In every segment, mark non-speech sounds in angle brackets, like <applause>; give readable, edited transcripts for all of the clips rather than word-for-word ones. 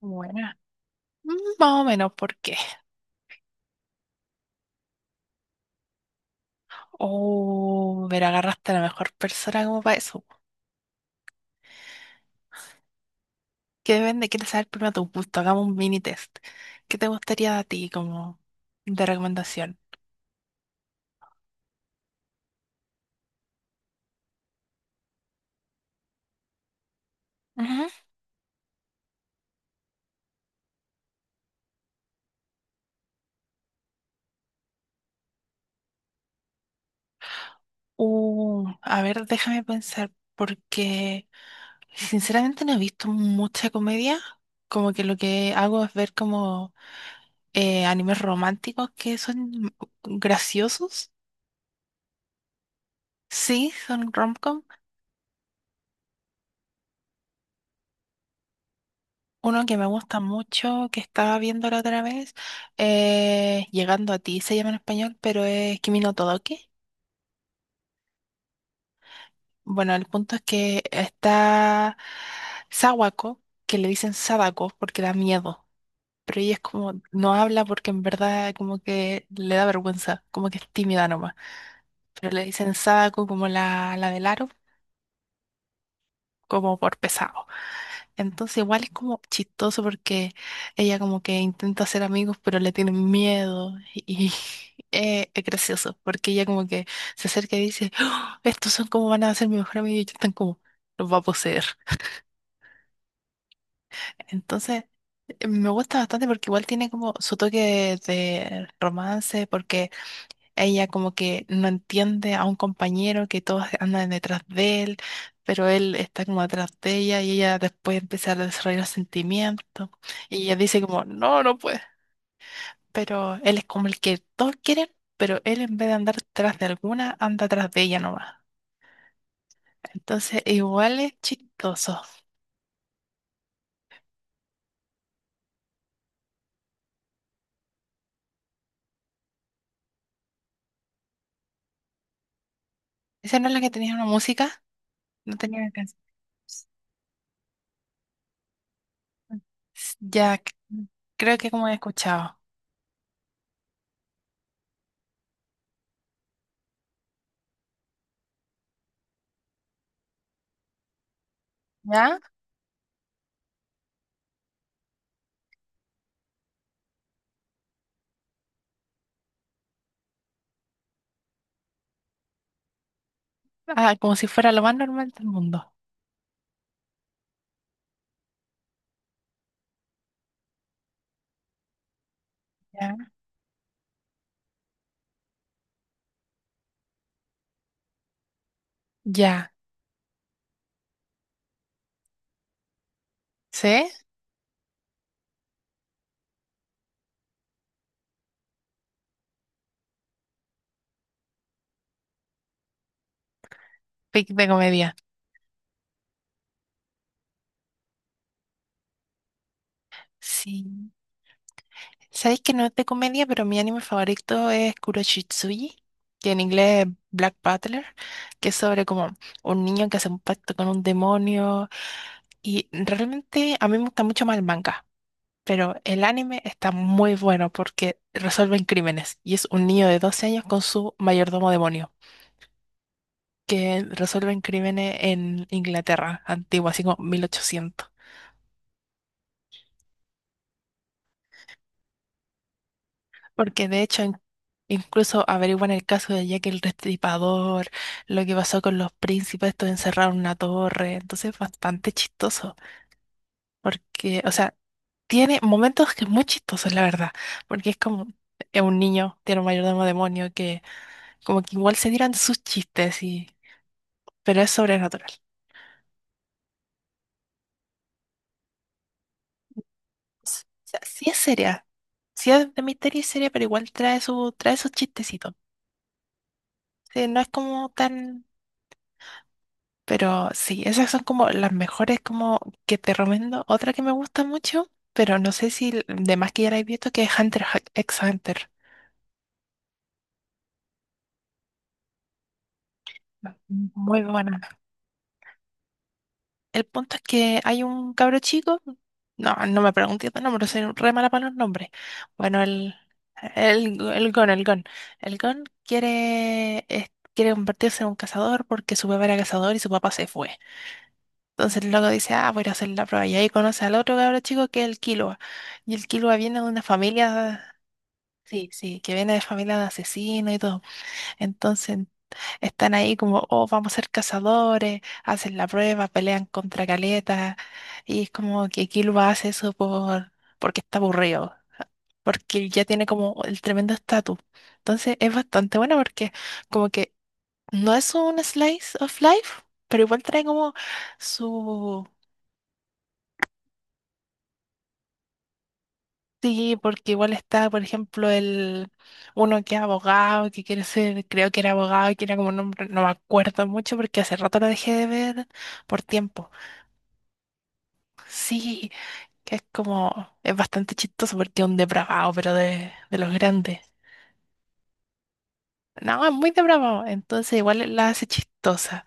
Buena. Mm, Más o menos, ¿por qué? Oh, pero agarraste a la mejor persona como para eso. ¿Que depende? ¿Quieres saber primero tu gusto? Hagamos un mini test. ¿Qué te gustaría a ti como de recomendación? Ujú. A ver, déjame pensar, porque sinceramente no he visto mucha comedia. Como que lo que hago es ver como animes románticos que son graciosos. Sí, son rom. Uno que me gusta mucho, que estaba viendo la otra vez, Llegando a ti, se llama en español, pero es Kimi no Todoke. Bueno, el punto es que está Sawako, que le dicen Sadako porque da miedo, pero ella es como, no habla porque en verdad como que le da vergüenza, como que es tímida nomás, pero le dicen Sadako como la del aro, como por pesado. Entonces igual es como chistoso porque ella como que intenta hacer amigos pero le tienen miedo y <laughs> es gracioso porque ella como que se acerca y dice: "Oh, estos son como van a ser mi mejor amigo" y ellos están como, los va a poseer. Entonces me gusta bastante porque igual tiene como su toque de romance porque ella como que no entiende a un compañero que todos andan detrás de él, pero él está como atrás de ella y ella después empieza a desarrollar sentimientos. Y ella dice como, no, no puede. Pero él es como el que todos quieren, pero él en vez de andar detrás de alguna, anda atrás de ella nomás. Entonces, igual es chistoso. ¿Esa no es la que tenía una música? No tenía una canción. S- Ya, c- creo que como he escuchado. ¿Ya? Ah, como si fuera lo más normal del mundo. Ya. Ya. ¿Sí? Pick de comedia. Sí. ¿Sabéis que no es de comedia, pero mi anime favorito es Kuroshitsuji, que en inglés es Black Butler, que es sobre como un niño que hace un pacto con un demonio? Y realmente a mí me gusta mucho más el manga, pero el anime está muy bueno porque resuelven crímenes. Y es un niño de 12 años con su mayordomo demonio, que resuelven crímenes en Inglaterra antigua, así como 1800. Porque de hecho in- incluso averiguan el caso de Jack el Restripador, lo que pasó con los príncipes, estos encerrados en una torre, entonces es bastante chistoso, porque, o sea, tiene momentos que es muy chistoso, la verdad, porque es como es un niño, tiene un mayordomo demonio que como que igual se tiran sus chistes y pero es sobrenatural. S- O sea, sí es seria, sí es de misterio y seria, pero igual trae su trae sus chistecitos. Sí, no es como tan. Pero sí, esas son como las mejores como que te recomiendo. Otra que me gusta mucho, pero no sé si l- de más que ya la he visto, que es Hunter ha- x Hunter. Muy buena. El punto es que hay un cabro chico, no, no me pregunté el nombre, soy re mala para los nombres. Bueno, el Gon, el Gon. El Gon quiere, es- quiere convertirse en un cazador porque su papá era cazador y su papá se fue. Entonces el loco dice, ah, voy a ir a hacer la prueba. Y ahí conoce al otro cabro chico que es el Killua. Y el Killua viene de una familia, sí, sí, que viene de familia de asesinos y todo. Entonces están ahí como, oh, vamos a ser cazadores, hacen la prueba, pelean contra Caleta. Y es como que Killua hace eso por, porque está aburrido, porque él ya tiene como el tremendo estatus. Entonces es bastante bueno porque como que no es un slice of life, pero igual trae como su. Sí, porque igual está, por ejemplo, el uno que es abogado, que quiere ser, creo que era abogado, que era como un nombre, no me acuerdo mucho porque hace rato lo dejé de ver por tiempo. Sí, que es como, es bastante chistoso porque es un depravado, pero de los grandes. No, es muy depravado, entonces igual la hace chistosa.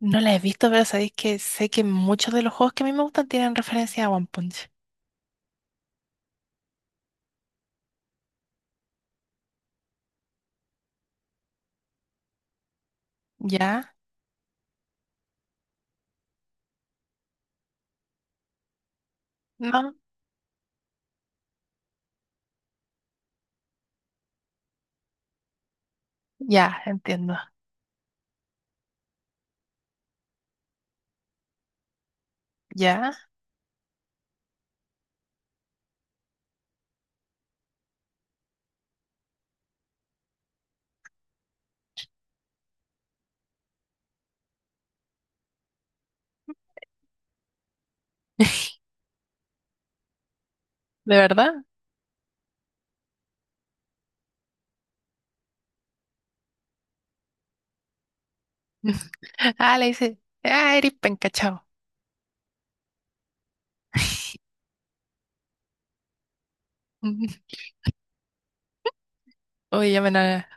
No la he visto, pero sabéis que sé que muchos de los juegos que a mí me gustan tienen referencia a One Punch. ¿Ya? ¿No? Ya, entiendo. ¿Ya? ¿De verdad? Ah, le dice, ah, eres penca, chao. <laughs> Oye, llamen a,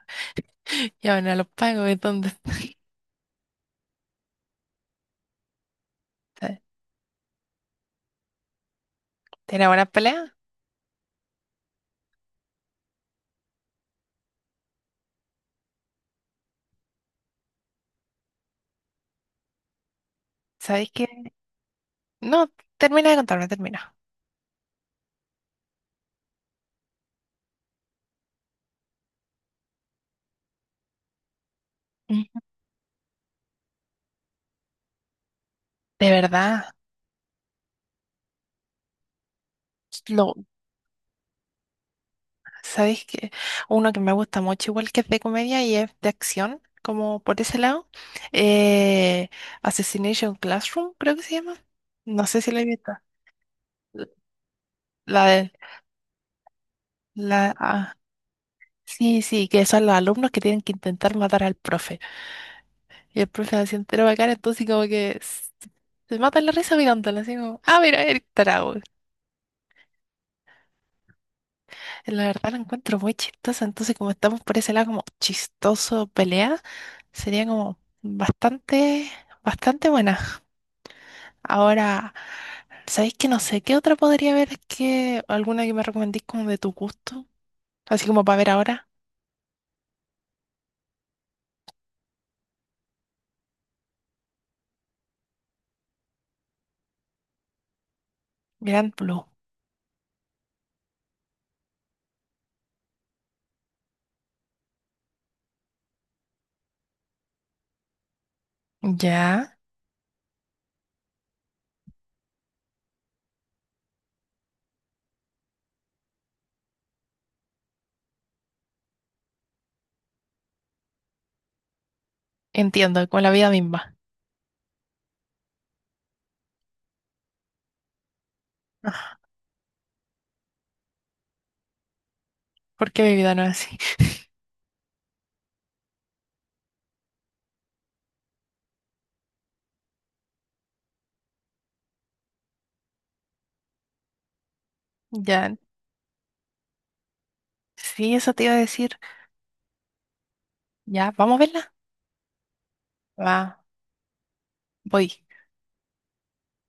llamen a los pagos, ¿y dónde está? ¿Tiene buena pelea? ¿Sabéis qué? No, termina de contarme, termina. Ujú. De verdad, lo, ¿sabéis qué? Uno que me gusta mucho, igual que es de comedia y es de acción, como por ese lado. Eh, Assassination Classroom, creo que se llama. No sé si la he visto. La de, la, ah, sí, sí, que son los alumnos que tienen que intentar matar al profe. Y el profe se entero bacán, entonces como que s- se mata la risa mirándolo, así como, ah, mira, el tarado. La verdad la encuentro muy chistosa, entonces como estamos por ese lado como chistoso pelea, sería como bastante, bastante buena. Ahora, ¿sabéis que no sé qué otra podría haber que alguna que me recomendéis como de tu gusto? Así como para ver ahora, Grand Blue. Ya, entiendo, con la vida misma, porque mi vida no es así. <laughs> Ya, sí, eso te iba a decir. Ya, vamos a verla. Va, voy.